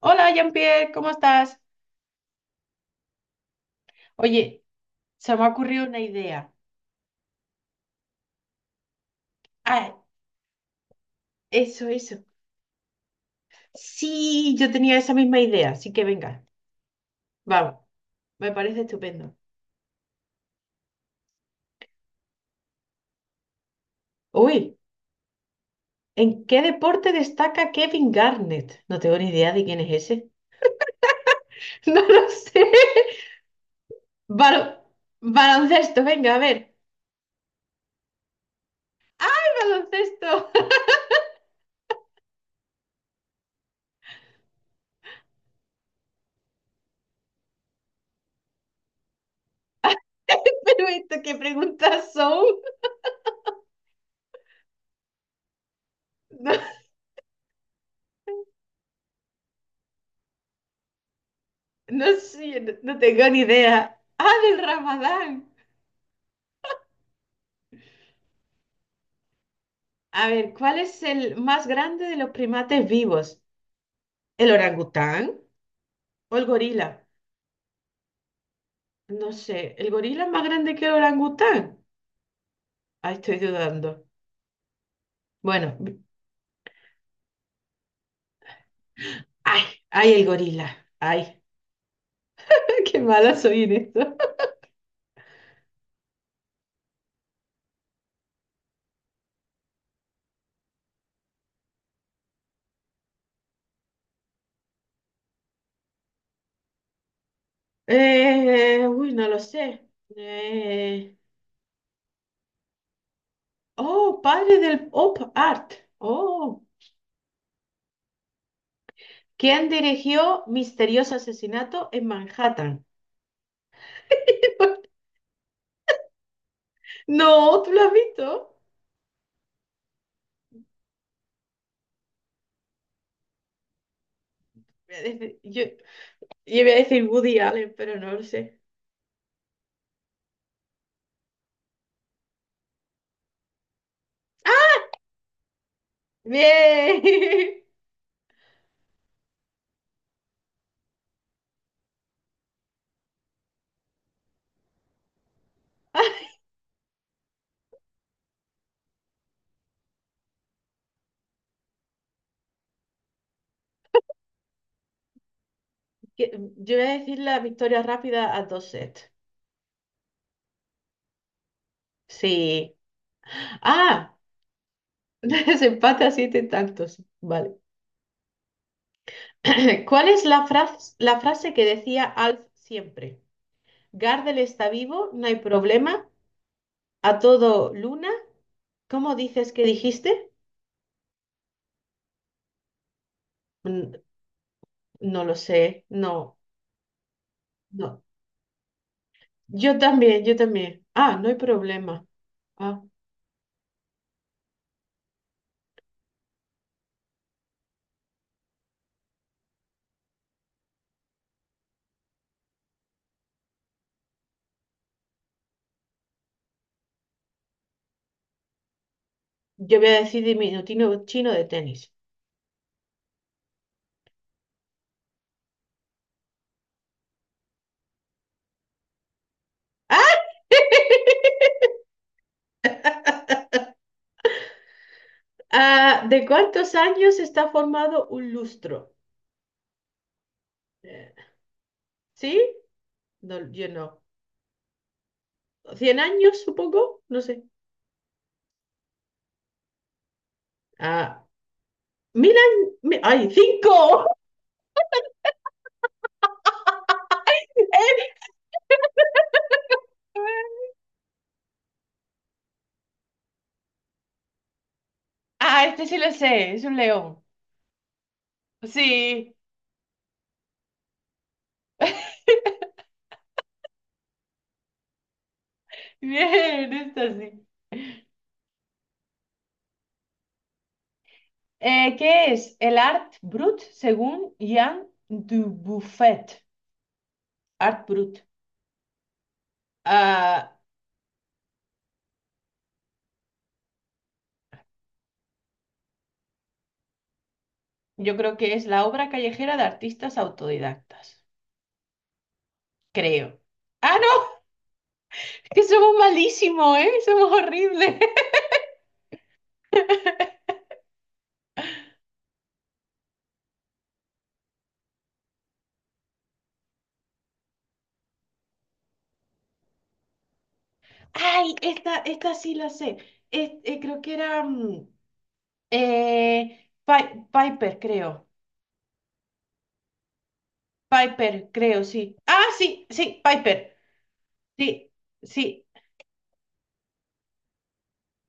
Hola, Jean-Pierre, ¿cómo estás? Oye, se me ha ocurrido una idea. Ah, eso, eso. Sí, yo tenía esa misma idea, así que venga, vamos, me parece estupendo. Uy, ¿en qué deporte destaca Kevin Garnett? No tengo ni idea de quién es ese. No lo sé. Balo- Baloncesto, venga, a ver. Baloncesto. Pero esto, ¿qué preguntas son? No, no sé, no, no tengo ni idea. Ah, del Ramadán. A ver, ¿cuál es el más grande de los primates vivos? ¿El orangután o el gorila? No sé, ¿el gorila es más grande que el orangután? Ay, estoy dudando. Bueno, ay, ay, el gorila. Ay, qué mala soy en esto. Uy, no lo sé. Eh, oh, padre del pop art. Oh, ¿quién dirigió Misterioso Asesinato en Manhattan? No, ¿tú lo has visto? Eh, Yo, Yo iba a decir Woody Allen, pero no lo sé. ¡Ah! ¡Bien! Que- Yo voy a decir la victoria rápida a dos sets. Sí. Ah, desempate a 7 tantos. Vale. ¿Cuál es la frase que decía Alf siempre? Gardel está vivo, no hay problema. A todo Luna. ¿Cómo dices que dijiste? Mm, No lo sé. No, no. Yo también, yo también. Ah, no hay problema. Ah. Yo voy a decir diminutivo chino de tenis. ¡Ah! Ah, ¿de cuántos años está formado un lustro? Eh, ¿sí? No, yo no. ¿100 años, supongo? No sé. Ah, 1000 años. ¡Ay, cinco! Ah, este sí lo sé, es un león. Sí, bien, esto sí. ¿Qué es el art brut según Jean Dubuffet? Art brut. Ah, yo creo que es la obra callejera de artistas autodidactas. Creo. ¡Ah, no! Que somos malísimos, ¿eh? Somos horribles. ¡Ay! Esta sí la sé. Creo que era. Piper, creo. Piper, creo, sí. ¡Ah, sí! Sí, Piper. Sí, sí.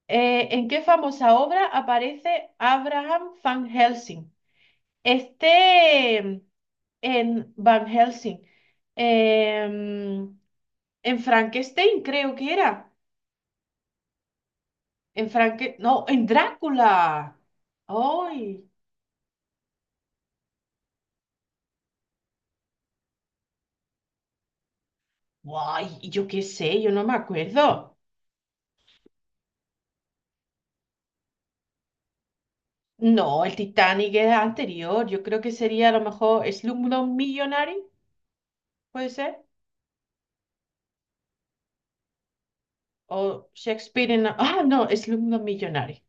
¿En qué famosa obra aparece Abraham Van Helsing? Este. mm, En Van Helsing. Em, En Frankenstein, creo que era. No, en Drácula. ¡Ay! ¡Guay! Yo qué sé, yo no me acuerdo. No, el Titanic era anterior. Yo creo que sería a lo mejor Slumdog Millionaire, puede ser. Ah, no, Slumdog Millionaire.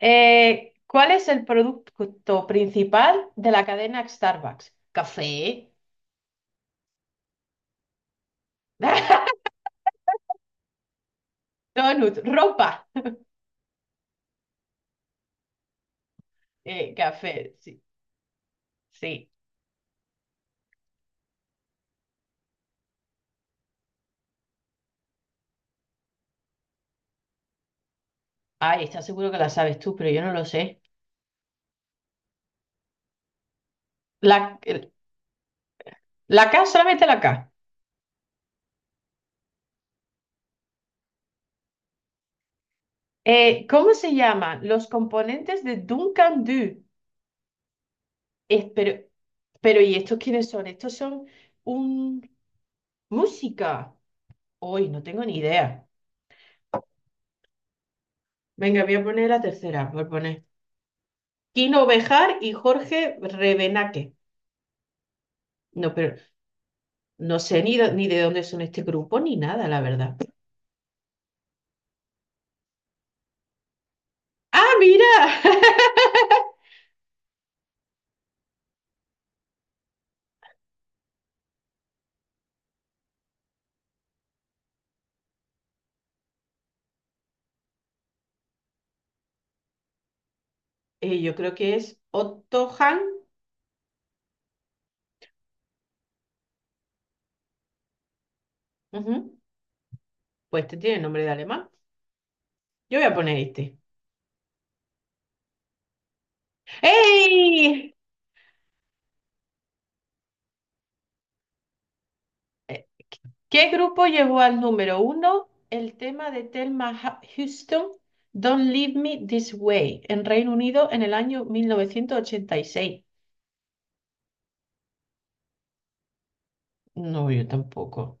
¿Cuál es el producto principal de la cadena Starbucks? Café. Donut, ropa. Café, sí. Sí. Ay, está seguro que la sabes tú, pero yo no lo sé. La, el- la K, solamente la K. ¿Cómo se llaman los componentes de Duncan Du? Es- pero, pero, ¿y estos quiénes son? Estos son un... música. Uy, no tengo ni idea. Venga, voy a poner la tercera, voy a poner. Kino Bejar y Jorge Revenaque. No, pero no sé ni, ni de dónde son este grupo ni nada, la verdad. ¡Ah, mira! Yo creo que es Otto Hahn. Ujú. Pues este tiene nombre de alemán. Yo voy a poner este. ¡Ey! ¿Qué grupo llevó al número uno el tema de Thelma Houston, Don't Leave Me This Way, en Reino Unido en el año 1986? No, yo tampoco.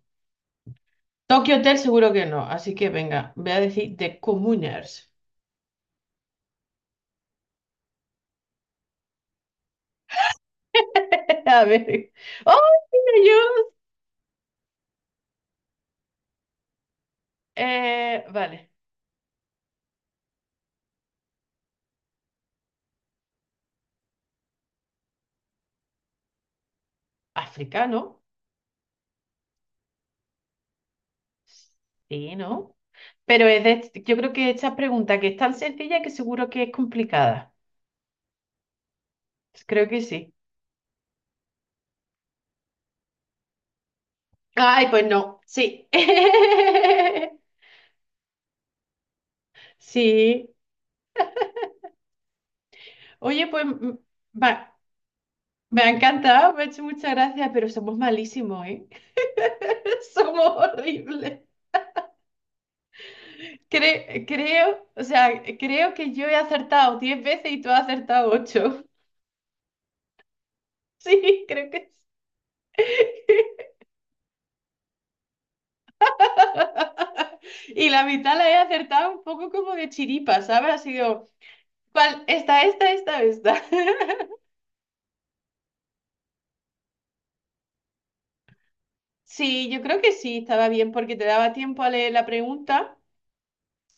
Tokyo Hotel seguro que no, así que venga, voy a decir The Communers. A ver. ¡Oh, mira, yo! Vale. Africano. Sí, ¿no? Pero yo creo que esta pregunta que es tan sencilla que seguro que es complicada. Creo que sí. Ay, pues no, sí. Sí. Oye, pues va- me ha encantado, me ha hecho muchas gracias, pero somos malísimos, ¿eh? Somos horribles. Creo, o sea, creo que yo he acertado 10 veces y tú has acertado 8. Sí, creo que sí. Y la mitad la he acertado un poco como de chiripa, ¿sabes? Ha sido, ¿cuál? Esta, esta, esta, esta. Sí, yo creo que sí, estaba bien porque te daba tiempo a leer la pregunta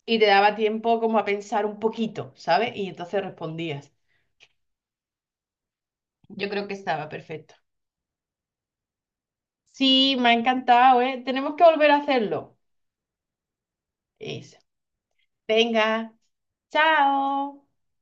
y te daba tiempo como a pensar un poquito, ¿sabes? Y entonces respondías. Yo creo que estaba perfecto. Sí, me ha encantado, ¿eh? Tenemos que volver a hacerlo. Eso. Venga, chao.